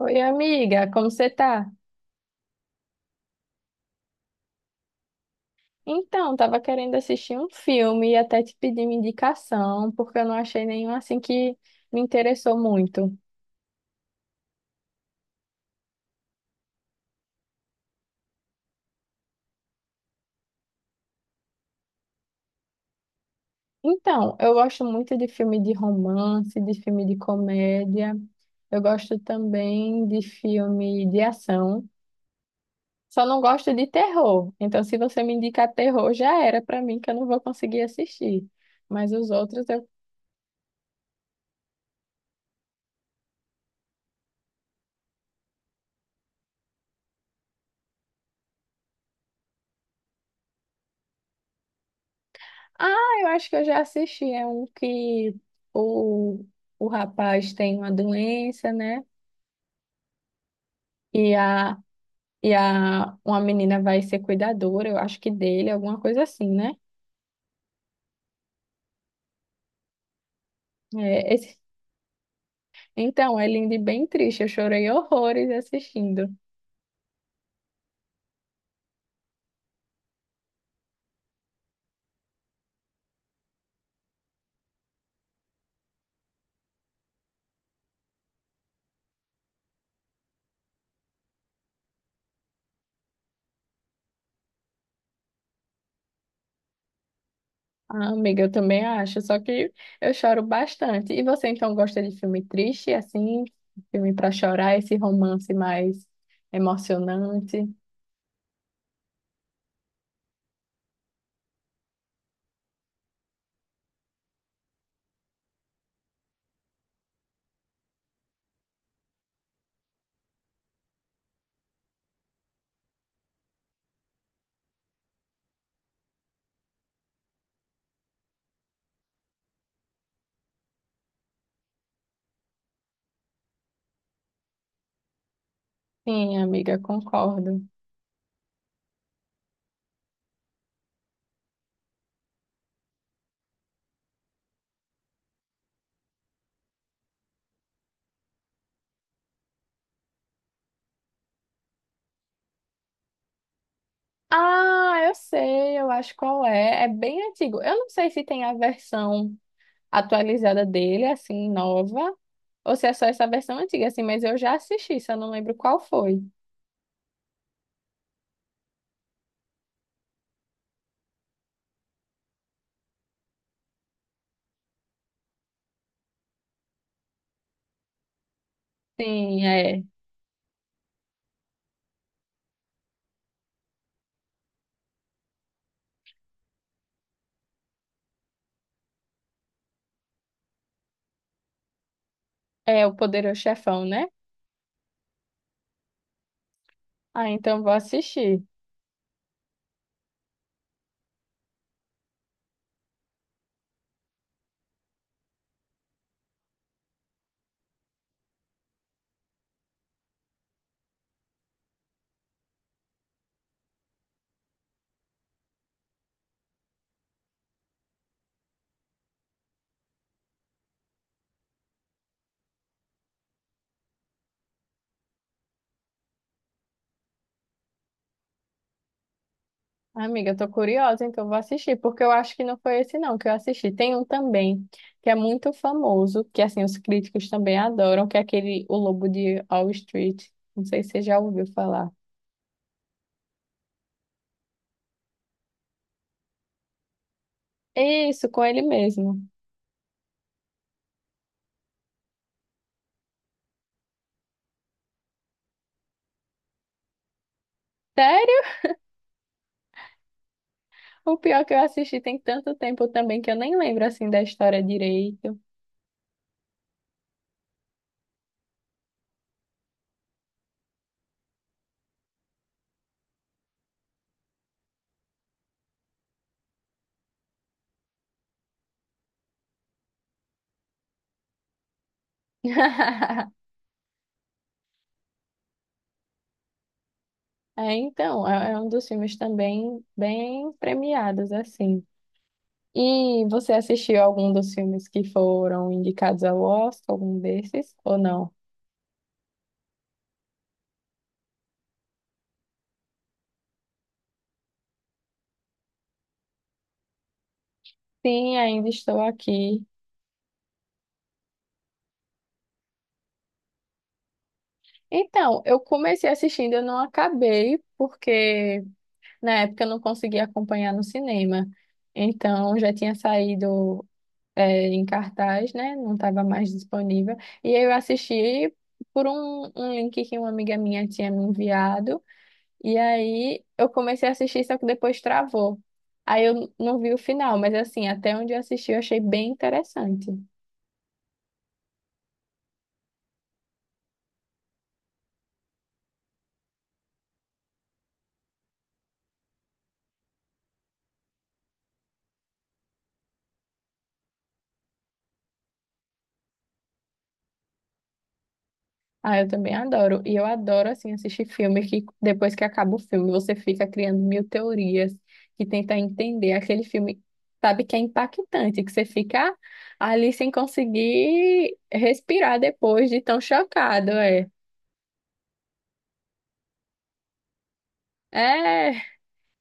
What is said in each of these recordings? Oi, amiga, como você tá? Então, tava querendo assistir um filme e até te pedir uma indicação, porque eu não achei nenhum assim que me interessou muito. Então, eu gosto muito de filme de romance, de filme de comédia. Eu gosto também de filme de ação. Só não gosto de terror. Então, se você me indicar terror, já era pra mim que eu não vou conseguir assistir. Mas os outros eu Ah, eu acho que eu já assisti. É um que o, o rapaz tem uma doença, né? E a, e a uma menina vai ser cuidadora, eu acho que dele, alguma coisa assim, né? É, esse- então, é lindo e bem triste. Eu chorei horrores assistindo. Ah, amiga, eu também acho, só que eu choro bastante. E você então gosta de filme triste, assim, filme para chorar, esse romance mais emocionante? Sim, amiga, concordo. Ah, eu sei, eu acho qual é. É bem antigo. Eu não sei se tem a versão atualizada dele, assim, nova, ou se é só essa versão antiga, assim, mas eu já assisti, só não lembro qual foi. Sim, é. É o Poderoso Chefão, né? Ah, então vou assistir. Amiga, eu tô curiosa, então vou assistir, porque eu acho que não foi esse não que eu assisti. Tem um também, que é muito famoso, que assim, os críticos também adoram, que é aquele O Lobo de Wall Street. Não sei se você já ouviu falar. Isso, com ele mesmo. Sério? O pior que eu assisti tem tanto tempo também que eu nem lembro assim da história direito. Então, é um dos filmes também bem premiados assim. E você assistiu algum dos filmes que foram indicados ao Oscar, algum desses ou não? Sim, ainda estou aqui. Então, eu comecei assistindo, eu não acabei porque na época eu não conseguia acompanhar no cinema. Então, já tinha saído é, em cartaz, né? Não estava mais disponível. E aí eu assisti por um link que uma amiga minha tinha me enviado. E aí eu comecei a assistir, só que depois travou. Aí eu não vi o final, mas assim, até onde eu assisti, eu achei bem interessante. Ah, eu também adoro. E eu adoro, assim, assistir filme que depois que acaba o filme, você fica criando mil teorias que tenta entender aquele filme, sabe, que é impactante, que você fica ali sem conseguir respirar depois de tão chocado, é. É,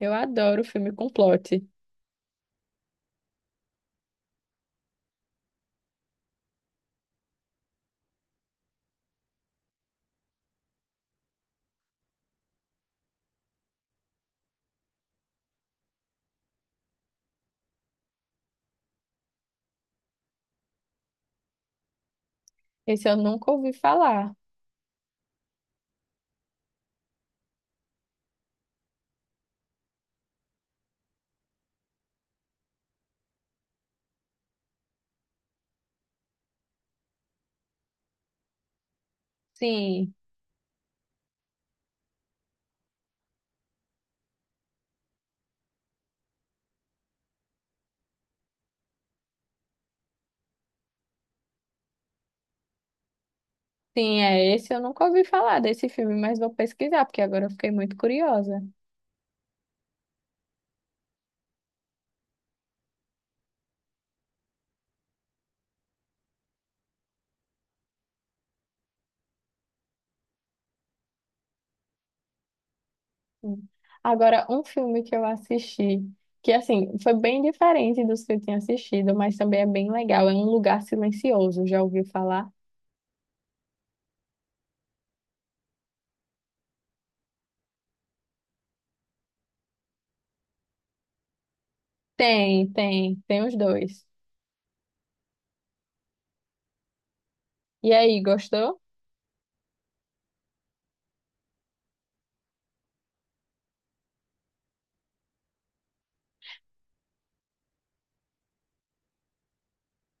eu adoro filme com plot. Esse eu nunca ouvi falar. Sim, sim, é esse eu nunca ouvi falar desse filme, mas vou pesquisar, porque agora eu fiquei muito curiosa. Sim. Agora, um filme que eu assisti, que assim, foi bem diferente dos que eu tinha assistido, mas também é bem legal, é Um Lugar Silencioso, já ouviu falar? Tem, tem, tem os dois. E aí, gostou?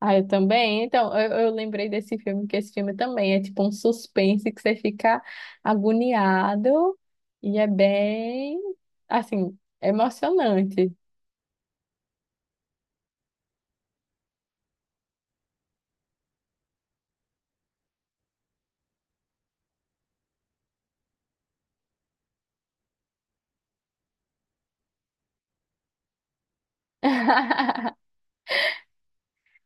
Ah, eu também. Então, eu lembrei desse filme, que esse filme também é tipo um suspense que você fica agoniado e é bem, assim, emocionante.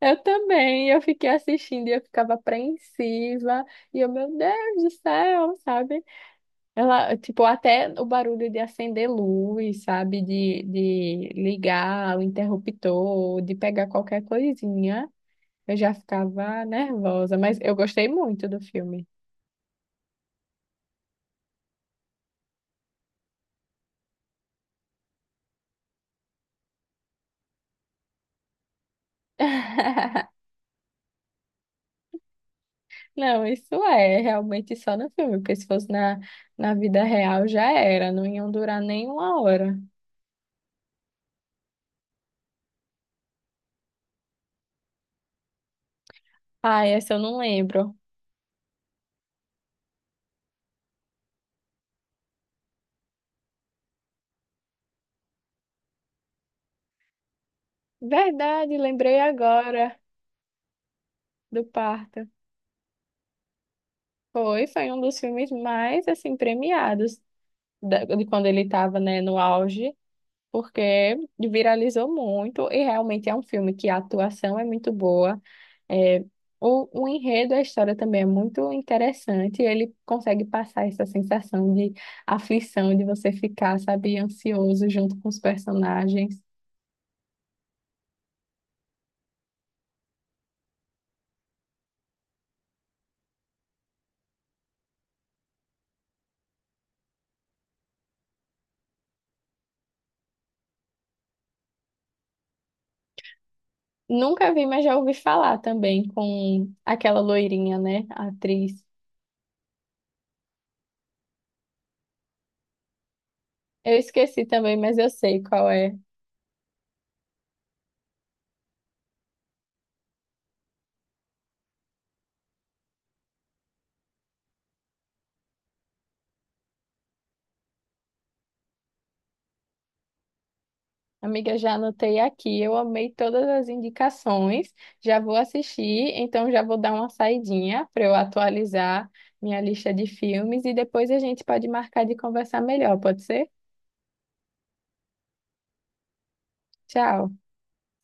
Eu também, eu fiquei assistindo e eu ficava apreensiva, e eu, meu Deus do céu, sabe? Ela, tipo, até o barulho de acender luz, sabe? De ligar o interruptor, de pegar qualquer coisinha, eu já ficava nervosa, mas eu gostei muito do filme. Não, isso é realmente só no filme, porque se fosse na vida real já era, não iam durar nem uma hora. Ah, essa eu não lembro. Verdade, lembrei agora. Do parto. Foi um dos filmes mais assim premiados da- de quando ele estava, né, no auge, porque viralizou muito e realmente é um filme que a atuação é muito boa. É, o enredo, a história também é muito interessante. E ele consegue passar essa sensação de aflição, de você ficar, sabe, ansioso junto com os personagens. Nunca vi, mas já ouvi falar também com aquela loirinha, né, a atriz. Eu esqueci também, mas eu sei qual é. Amiga, já anotei aqui, eu amei todas as indicações, já vou assistir, então já vou dar uma saidinha para eu atualizar minha lista de filmes e depois a gente pode marcar de conversar melhor, pode ser? Tchau.